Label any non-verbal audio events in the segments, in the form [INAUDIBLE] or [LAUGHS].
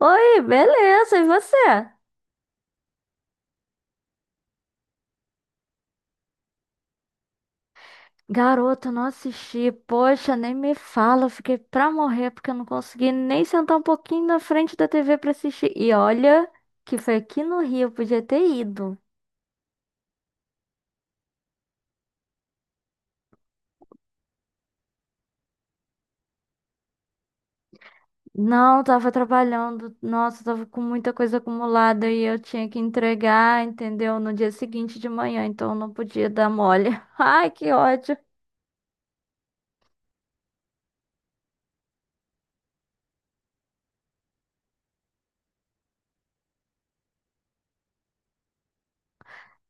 Oi, beleza, e você? Garota, não assisti. Poxa, nem me fala. Eu fiquei pra morrer porque eu não consegui nem sentar um pouquinho na frente da TV pra assistir. E olha, que foi aqui no Rio, eu podia ter ido. Não, tava trabalhando. Nossa, tava com muita coisa acumulada e eu tinha que entregar, entendeu? No dia seguinte de manhã, então eu não podia dar mole. [LAUGHS] Ai, que ódio.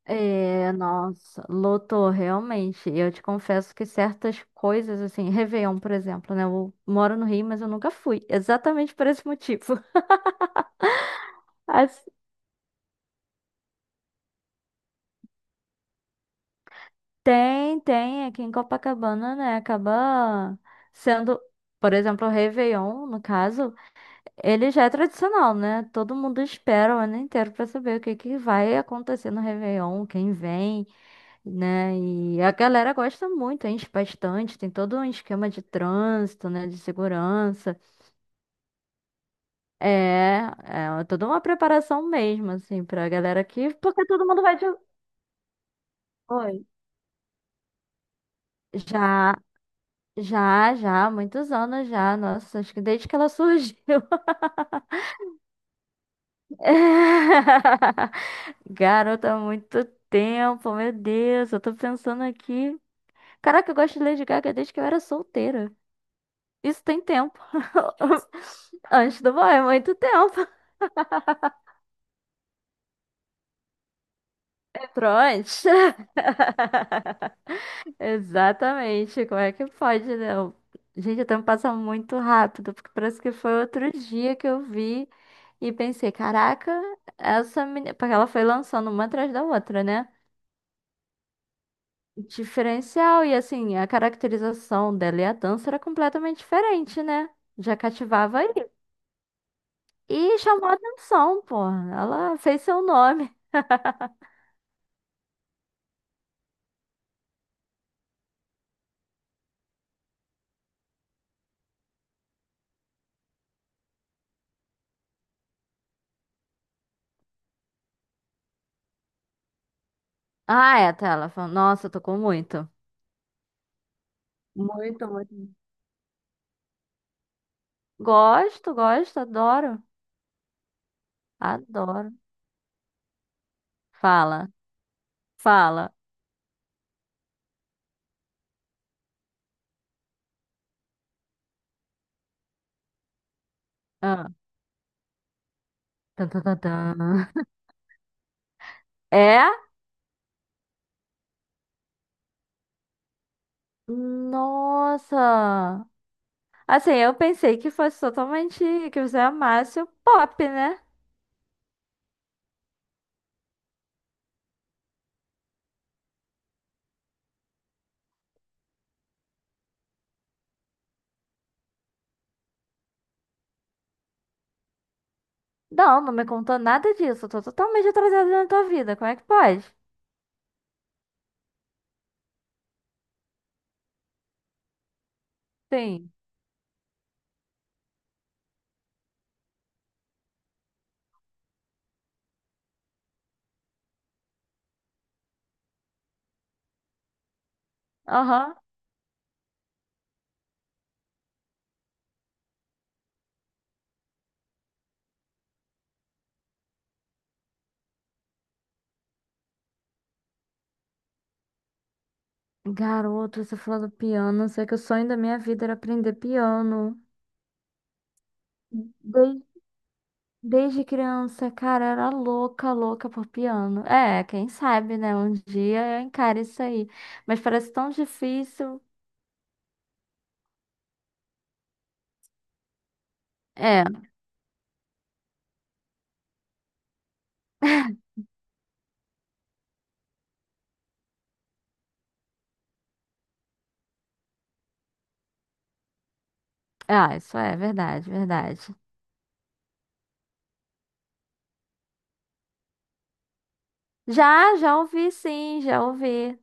É, nossa, lotou realmente. Eu te confesso que certas coisas, assim, Réveillon, por exemplo, né? Eu moro no Rio, mas eu nunca fui, [LAUGHS] exatamente por esse motivo. [LAUGHS] As- tem, aqui em Copacabana, né? Acaba sendo, por exemplo, o Réveillon, no caso, ele já é tradicional, né? Todo mundo espera o ano inteiro pra saber o que que vai acontecer no Réveillon, quem vem. Né? E a galera gosta muito, enche bastante, tem todo um esquema de trânsito, né, de segurança. É, é toda uma preparação mesmo, assim, pra galera aqui, porque todo mundo vai de... Oi. Já, já, há muitos anos já, nossa, acho que desde que ela surgiu. [LAUGHS] É. Garota, há muito tempo, meu Deus, eu tô pensando aqui. Caraca, eu gosto de Lady Gaga desde que eu era solteira. Isso tem tempo. [LAUGHS] Antes do banho, é muito tempo. Pronto. [LAUGHS] Exatamente. Como é que pode, né? Gente, o tempo passa muito rápido, porque parece que foi outro dia que eu vi e pensei, caraca, essa menina. Porque ela foi lançando uma atrás da outra, né? Diferencial, e assim, a caracterização dela e a dança era completamente diferente, né? Já cativava aí. E chamou a atenção, pô. Ela fez seu nome. Ah, é, tá. Ela falou, nossa, tocou muito. Muito, muito. Gosto, gosto, adoro. Adoro. Fala, fala. Ah. Tan, tan, tan, tan. É? Nossa! Assim, eu pensei que fosse totalmente que você amasse o pop, né? Não, não me contou nada disso. Eu tô totalmente atrasada na tua vida. Como é que pode? Sim. Aham. Garoto, você falou do piano. Sei que o sonho da minha vida era aprender piano. Desde criança, cara, eu era louca, louca por piano. É, quem sabe, né? Um dia eu encaro isso aí. Mas parece tão difícil. É, ah, isso é verdade, verdade. Já, já ouvi, sim, já ouvi.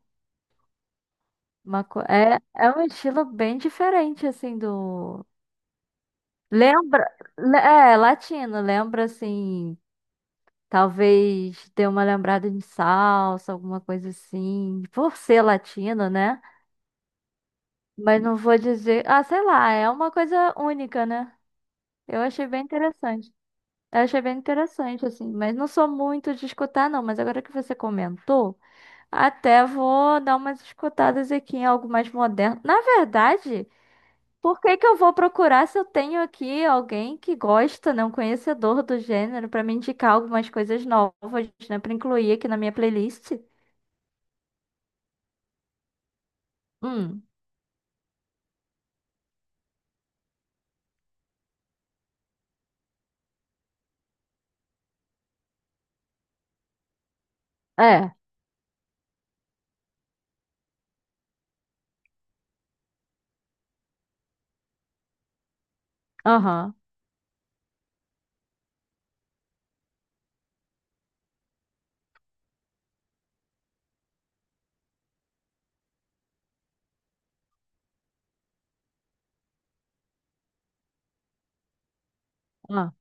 Uma co... é, é um estilo bem diferente, assim, do. Lembra. É, latino, lembra, assim. Talvez dê uma lembrada de salsa, alguma coisa assim. Por ser latino, né? Mas não vou dizer. Ah, sei lá, é uma coisa única, né? Eu achei bem interessante. Eu achei bem interessante, assim. Mas não sou muito de escutar, não. Mas agora que você comentou, até vou dar umas escutadas aqui em algo mais moderno. Na verdade, por que que eu vou procurar se eu tenho aqui alguém que gosta, né? Um conhecedor do gênero, pra me indicar algumas coisas novas, né? Pra incluir aqui na minha playlist? Hum, é. Aham. Ah.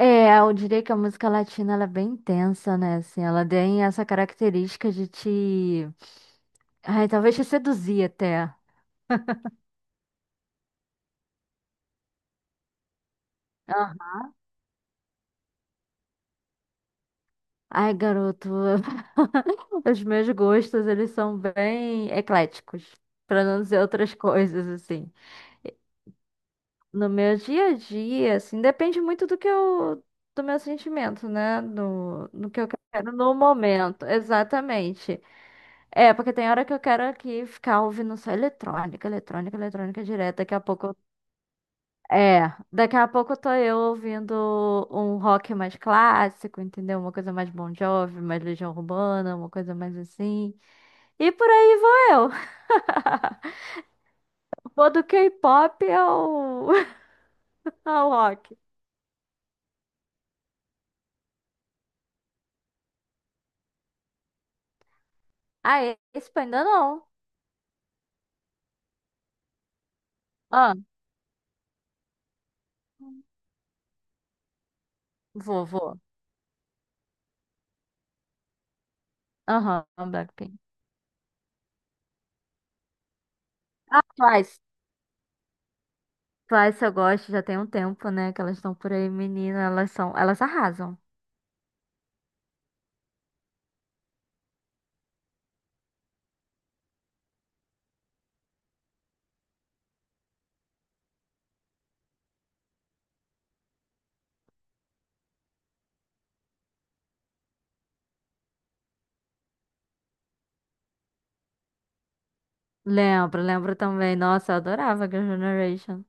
É, eu diria que a música latina ela é bem intensa, né? Assim, ela tem essa característica de te. Ai, talvez te seduzir até. Aham. Ai, garoto, [LAUGHS] os meus gostos, eles são bem ecléticos, pra não dizer outras coisas, assim. No meu dia a dia, assim, depende muito do meu sentimento, né? Do que eu quero no momento, exatamente. É, porque tem hora que eu quero aqui ficar ouvindo só eletrônica, eletrônica, eletrônica direto. Daqui a pouco. É, daqui a pouco tô eu ouvindo um rock mais clássico, entendeu? Uma coisa mais Bon Jovi, mais Legião Urbana, uma coisa mais assim. E por aí vou eu. [LAUGHS] Vou do K-pop ao, [LAUGHS] ao rock. Ah, esse ainda não. Ah, vou, vou. Aham. Blackpink. Ah, Twice. Twice eu gosto, já tem um tempo, né? Que elas estão por aí, menina. Elas são, elas arrasam. Lembro, lembro também. Nossa, eu adorava Girl Generation.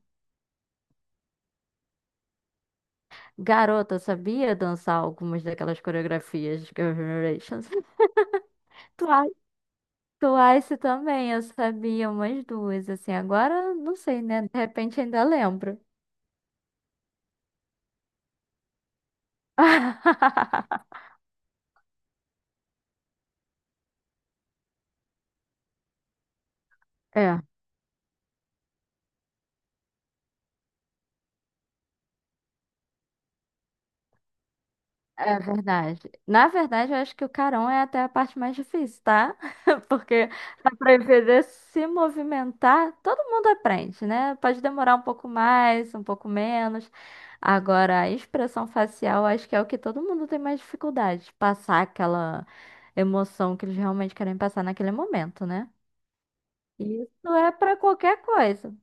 Garota, eu sabia dançar algumas daquelas coreografias de Girl Generation. [LAUGHS] Twice, Twice também, eu sabia umas duas, assim. Agora, não sei, né? De repente ainda lembro. [LAUGHS] É. É verdade. Na verdade, eu acho que o carão é até a parte mais difícil, tá? [LAUGHS] Porque para aprender a se movimentar, todo mundo aprende, né? Pode demorar um pouco mais, um pouco menos. Agora, a expressão facial, acho que é o que todo mundo tem mais dificuldade, passar aquela emoção que eles realmente querem passar naquele momento, né? Isso é para qualquer coisa.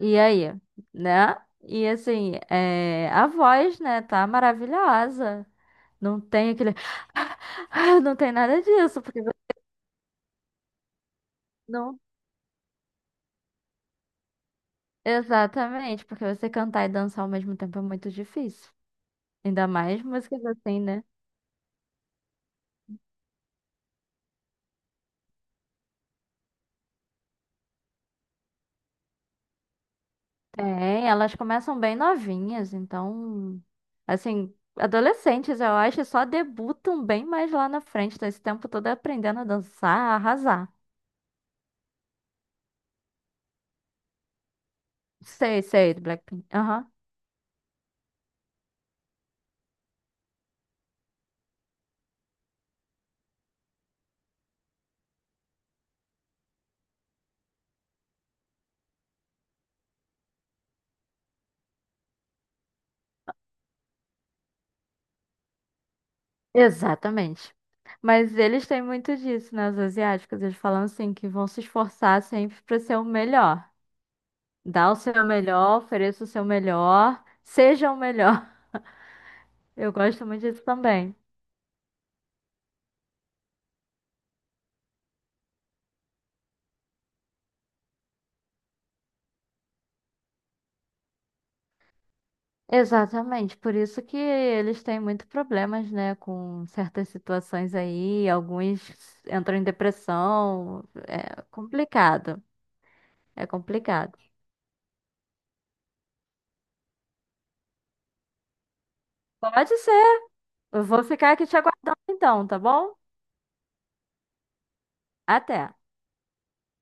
E aí, né? E assim, é, a voz, né, tá maravilhosa. Não tem aquele. [LAUGHS] Não tem nada disso, porque você não. Exatamente, porque você cantar e dançar ao mesmo tempo é muito difícil. Ainda mais músicas assim, né? Tem, elas começam bem novinhas, então. Assim, adolescentes, eu acho, só debutam bem mais lá na frente, tá esse tempo todo aprendendo a dançar, a arrasar. Sei, sei, do Blackpink. Aham. Exatamente. Mas eles têm muito disso, né? Os asiáticos, eles falam assim, que vão se esforçar sempre pra ser o melhor. Dá o seu melhor, ofereça o seu melhor, seja o melhor. [LAUGHS] Eu gosto muito disso também. Exatamente, por isso que eles têm muito problemas, né, com certas situações aí, alguns entram em depressão, é complicado, é complicado. Pode ser, eu vou ficar aqui te aguardando então, tá bom? Até.